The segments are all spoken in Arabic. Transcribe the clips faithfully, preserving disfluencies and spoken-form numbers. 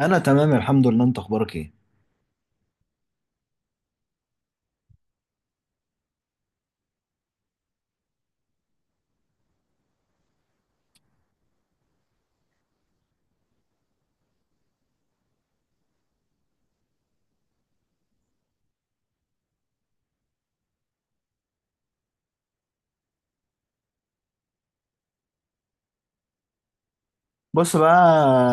انا تمام الحمد لله. انت اخبارك ايه؟ بص بقى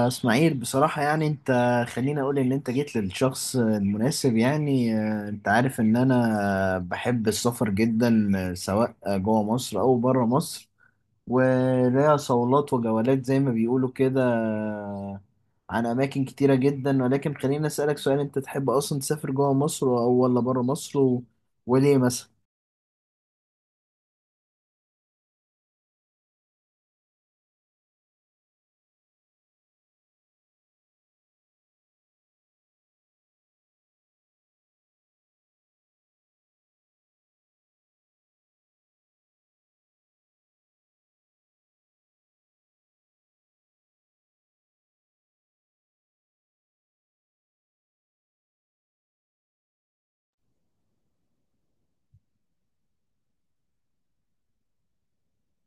يا اسماعيل، بصراحة يعني انت خليني اقول ان انت جيت للشخص المناسب. يعني آه، انت عارف ان انا بحب السفر جدا، آه، سواء جوه مصر او بره مصر، وليا صولات وجولات زي ما بيقولوا كده. آه، عن اماكن كتيرة جدا. ولكن خليني اسألك سؤال: انت تحب اصلا تسافر جوه مصر او ولا بره مصر و- وليه مثلا؟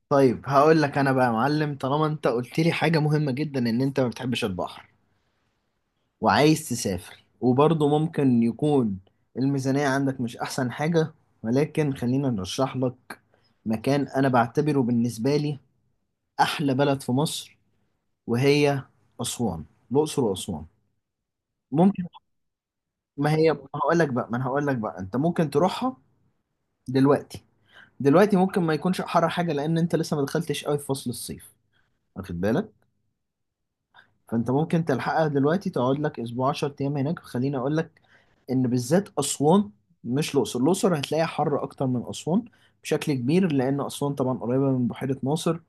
طيب هقول لك انا بقى يا معلم، طالما انت قلت لي حاجة مهمة جدا ان انت ما بتحبش البحر وعايز تسافر، وبرضه ممكن يكون الميزانية عندك مش احسن حاجة، ولكن خلينا نرشح لك مكان انا بعتبره بالنسبة لي احلى بلد في مصر، وهي اسوان. الاقصر واسوان. ممكن، ما هي هقول لك بقى، ما انا هقول لك بقى انت ممكن تروحها دلوقتي. دلوقتي ممكن ما يكونش حر حاجة، لان انت لسه ما دخلتش قوي في فصل الصيف، واخد بالك؟ فانت ممكن تلحقها دلوقتي، تقعد لك اسبوع عشر ايام هناك. خليني اقول لك ان بالذات اسوان، مش الاقصر. الاقصر هتلاقيها حر اكتر من اسوان بشكل كبير، لان اسوان طبعا قريبه من بحيره ناصر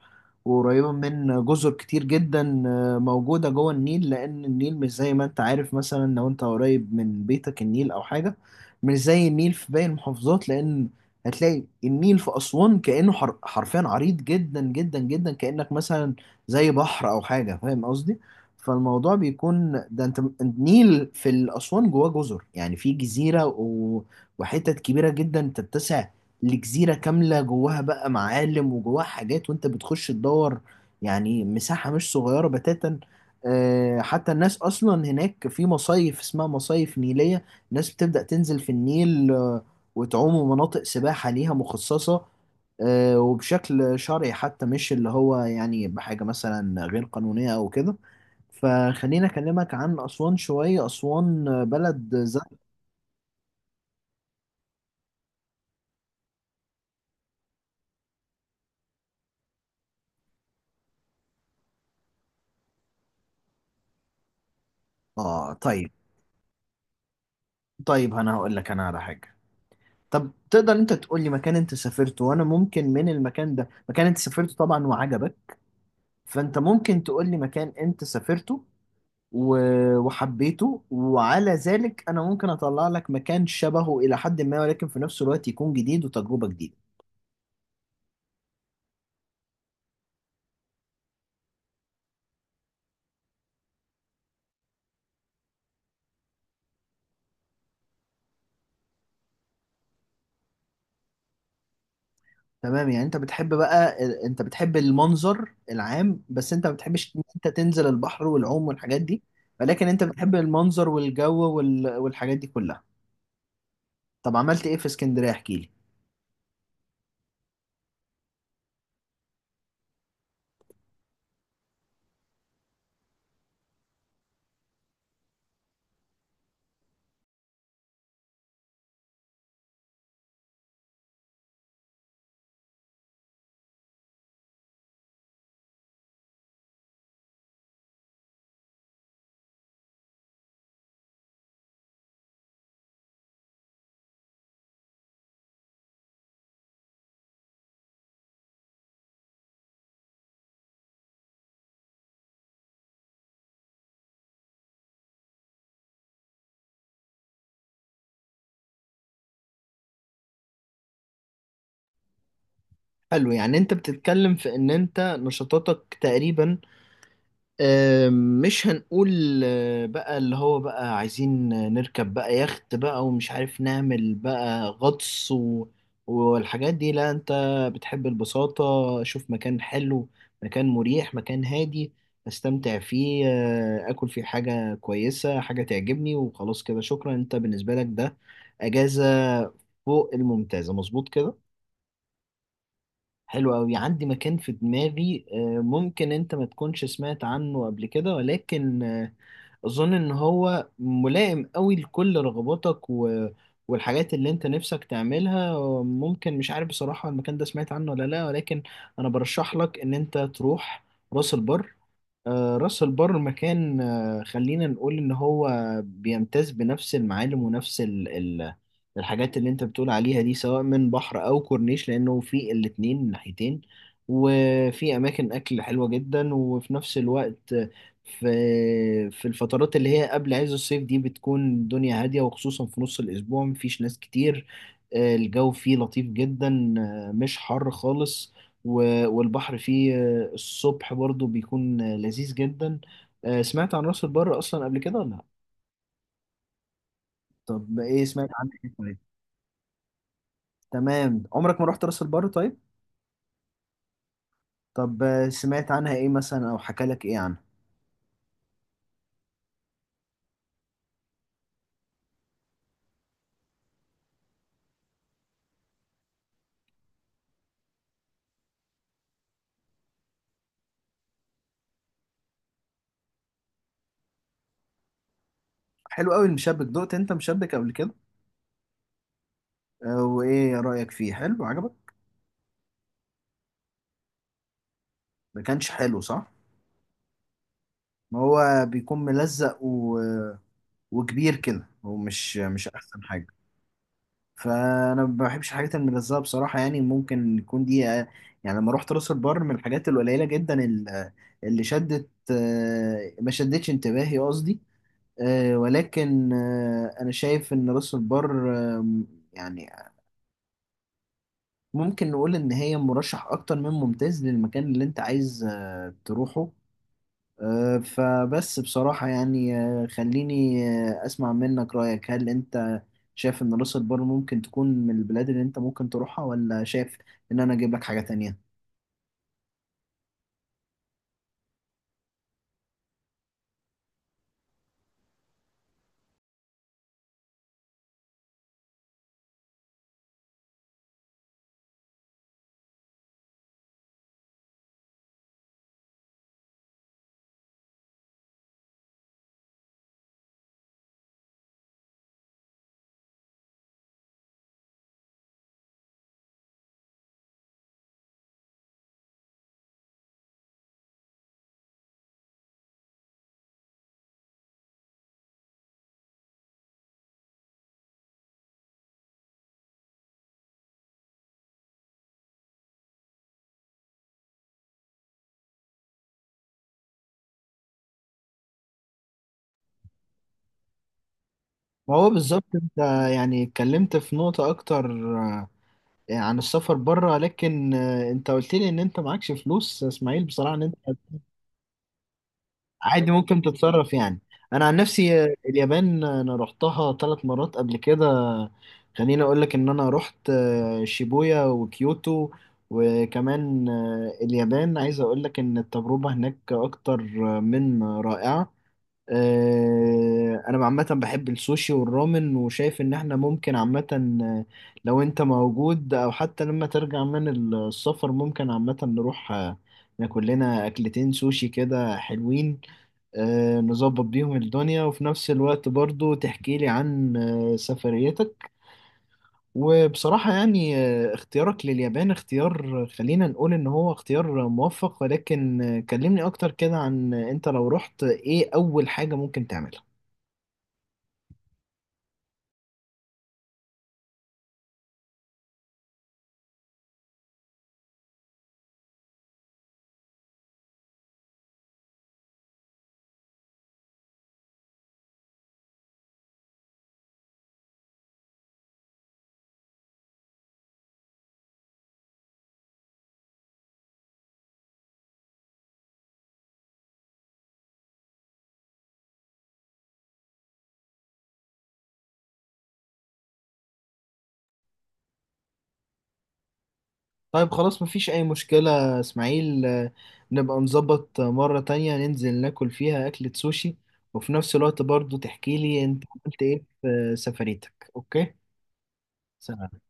وقريبة من جزر كتير جدا، آه، موجودة جوه النيل. لأن النيل مش زي ما أنت عارف مثلا لو أنت قريب من بيتك النيل أو حاجة، مش زي النيل في باقي المحافظات. لأن هتلاقي النيل في أسوان كأنه حر- حرفيا عريض جدا جدا جدا، كأنك مثلا زي بحر أو حاجة. فاهم قصدي؟ فالموضوع بيكون ده، انت النيل في الأسوان جواه جزر، يعني في جزيرة و... وحتت كبيرة جدا تتسع لجزيرة كاملة، جواها بقى معالم وجواها حاجات، وانت بتخش تدور. يعني مساحة مش صغيرة بتاتا. آه، حتى الناس أصلا هناك في مصايف اسمها مصايف نيلية، الناس بتبدأ تنزل في النيل، آه، وتعوم. مناطق سباحة ليها مخصصة، آه، وبشكل شرعي حتى، مش اللي هو يعني بحاجة مثلا غير قانونية أو كده. فخليني اكلمك عن اسوان شويه. اسوان بلد زي، اه طيب. طيب انا هقول لك انا على حاجه: طب تقدر انت تقول لي مكان انت سافرته، وانا ممكن من المكان ده، مكان انت سافرته طبعا وعجبك، فانت ممكن تقول لي مكان انت سافرته و... وحبيته، وعلى ذلك انا ممكن اطلع لك مكان شبهه الى حد ما، ولكن في نفس الوقت يكون جديد وتجربه جديده. تمام. يعني انت بتحب بقى ال- انت بتحب المنظر العام، بس انت ما بتحبش ان انت تنزل البحر والعوم والحاجات دي، ولكن انت بتحب المنظر والجو وال... والحاجات دي كلها. طب عملت ايه في اسكندرية؟ احكي لي. حلو. يعني انت بتتكلم في ان انت نشاطاتك تقريبا، آه، مش هنقول آه، بقى اللي هو بقى عايزين نركب بقى يخت بقى ومش عارف نعمل بقى غطس و... والحاجات دي. لا، انت بتحب البساطة. شوف مكان حلو، مكان مريح، مكان هادي، استمتع فيه، آه، اكل فيه حاجة كويسة، حاجة تعجبني، وخلاص كده شكرا. انت بالنسبة لك ده اجازة فوق الممتازة، مظبوط كده؟ حلو أوي. عندي مكان في دماغي، آه، ممكن أنت ما تكونش سمعت عنه قبل كده، ولكن آه، أظن إن هو ملائم أوي لكل رغباتك و... والحاجات اللي أنت نفسك تعملها. ممكن مش عارف بصراحة، المكان ده سمعت عنه ولا لأ، ولكن أنا برشح لك إن أنت تروح راس البر. آه، راس البر مكان، آه، خلينا نقول ان هو بيمتاز بنفس المعالم ونفس ال ال الحاجات اللي انت بتقول عليها دي، سواء من بحر او كورنيش، لانه في الاتنين من ناحيتين، وفي اماكن اكل حلوة جدا، وفي نفس الوقت آه، في في الفترات اللي هي قبل عز الصيف دي بتكون الدنيا هادية، وخصوصا في نص الاسبوع مفيش ناس كتير. آه، الجو فيه لطيف جدا، آه، مش حر خالص، و- والبحر فيه الصبح برضو بيكون لذيذ جدا. آه، سمعت عن راس البر اصلا قبل كده ولا لا؟ طب ايه سمعت عنها ايه طيب؟ تمام. عمرك ما رحت راس البر طيب؟ طب آه، سمعت عنها ايه مثلا او حكى لك ايه عنها؟ حلو قوي المشبك. دقت انت مشبك قبل كده؟ آه، وايه رايك فيه؟ حلو عجبك؟ ما كانش حلو صح؟ ما هو بيكون ملزق و... وكبير كده، هو مش مش احسن حاجه. فانا ما بحبش الحاجات الملزقه بصراحه. يعني ممكن يكون دي، آه، يعني لما رحت راس البر من الحاجات القليله جدا ال- اللي شدت، آه، ما شدتش انتباهي قصدي. آه، ولكن آه، انا شايف ان راس البر، آه، يعني ممكن نقول ان هي مرشح اكتر من ممتاز للمكان اللي انت عايز آه، تروحه. آه، فبس بصراحة يعني، آه، خليني آه، أسمع منك رأيك. هل أنت شايف إن راس البر ممكن تكون من البلاد اللي أنت ممكن تروحها، ولا شايف إن أنا أجيب لك حاجة تانية؟ ما هو بالظبط أنت يعني اتكلمت في نقطة أكتر، آه، عن السفر بره. لكن آه، أنت قلت لي إن أنت معكش فلوس يا إسماعيل بصراحة. إن أنت عادي ممكن تتصرف يعني. انا عن نفسي، آه، اليابان، آه، انا رحتها ثلاث مرات قبل كده. خليني اقول لك ان انا رحت آه، شيبويا وكيوتو، وكمان آه، اليابان عايز اقول لك ان التجربة هناك اكتر آه، من رائعة. آه، انا عامه بحب السوشي والرامن، وشايف ان احنا ممكن عامه، آه، لو انت موجود او حتى لما ترجع من السفر، ممكن عامه نروح آه، ناكل لنا اكلتين سوشي كده حلوين، آه، نظبط بيهم الدنيا، وفي نفس الوقت برضو تحكي لي عن آه، سفريتك. وبصراحة يعني آه، اختيارك لليابان اختيار، خلينا نقول ان هو اختيار موفق. ولكن آه، كلمني اكتر كده عن آه، انت لو رحت ايه اول حاجة ممكن تعملها؟ طيب خلاص مفيش أي مشكلة يا إسماعيل. آه، نبقى نظبط مرة تانية، ننزل ناكل فيها أكلة سوشي، وفي نفس الوقت برضو تحكيلي أنت عملت إيه في سفريتك. أوكي؟ سلام.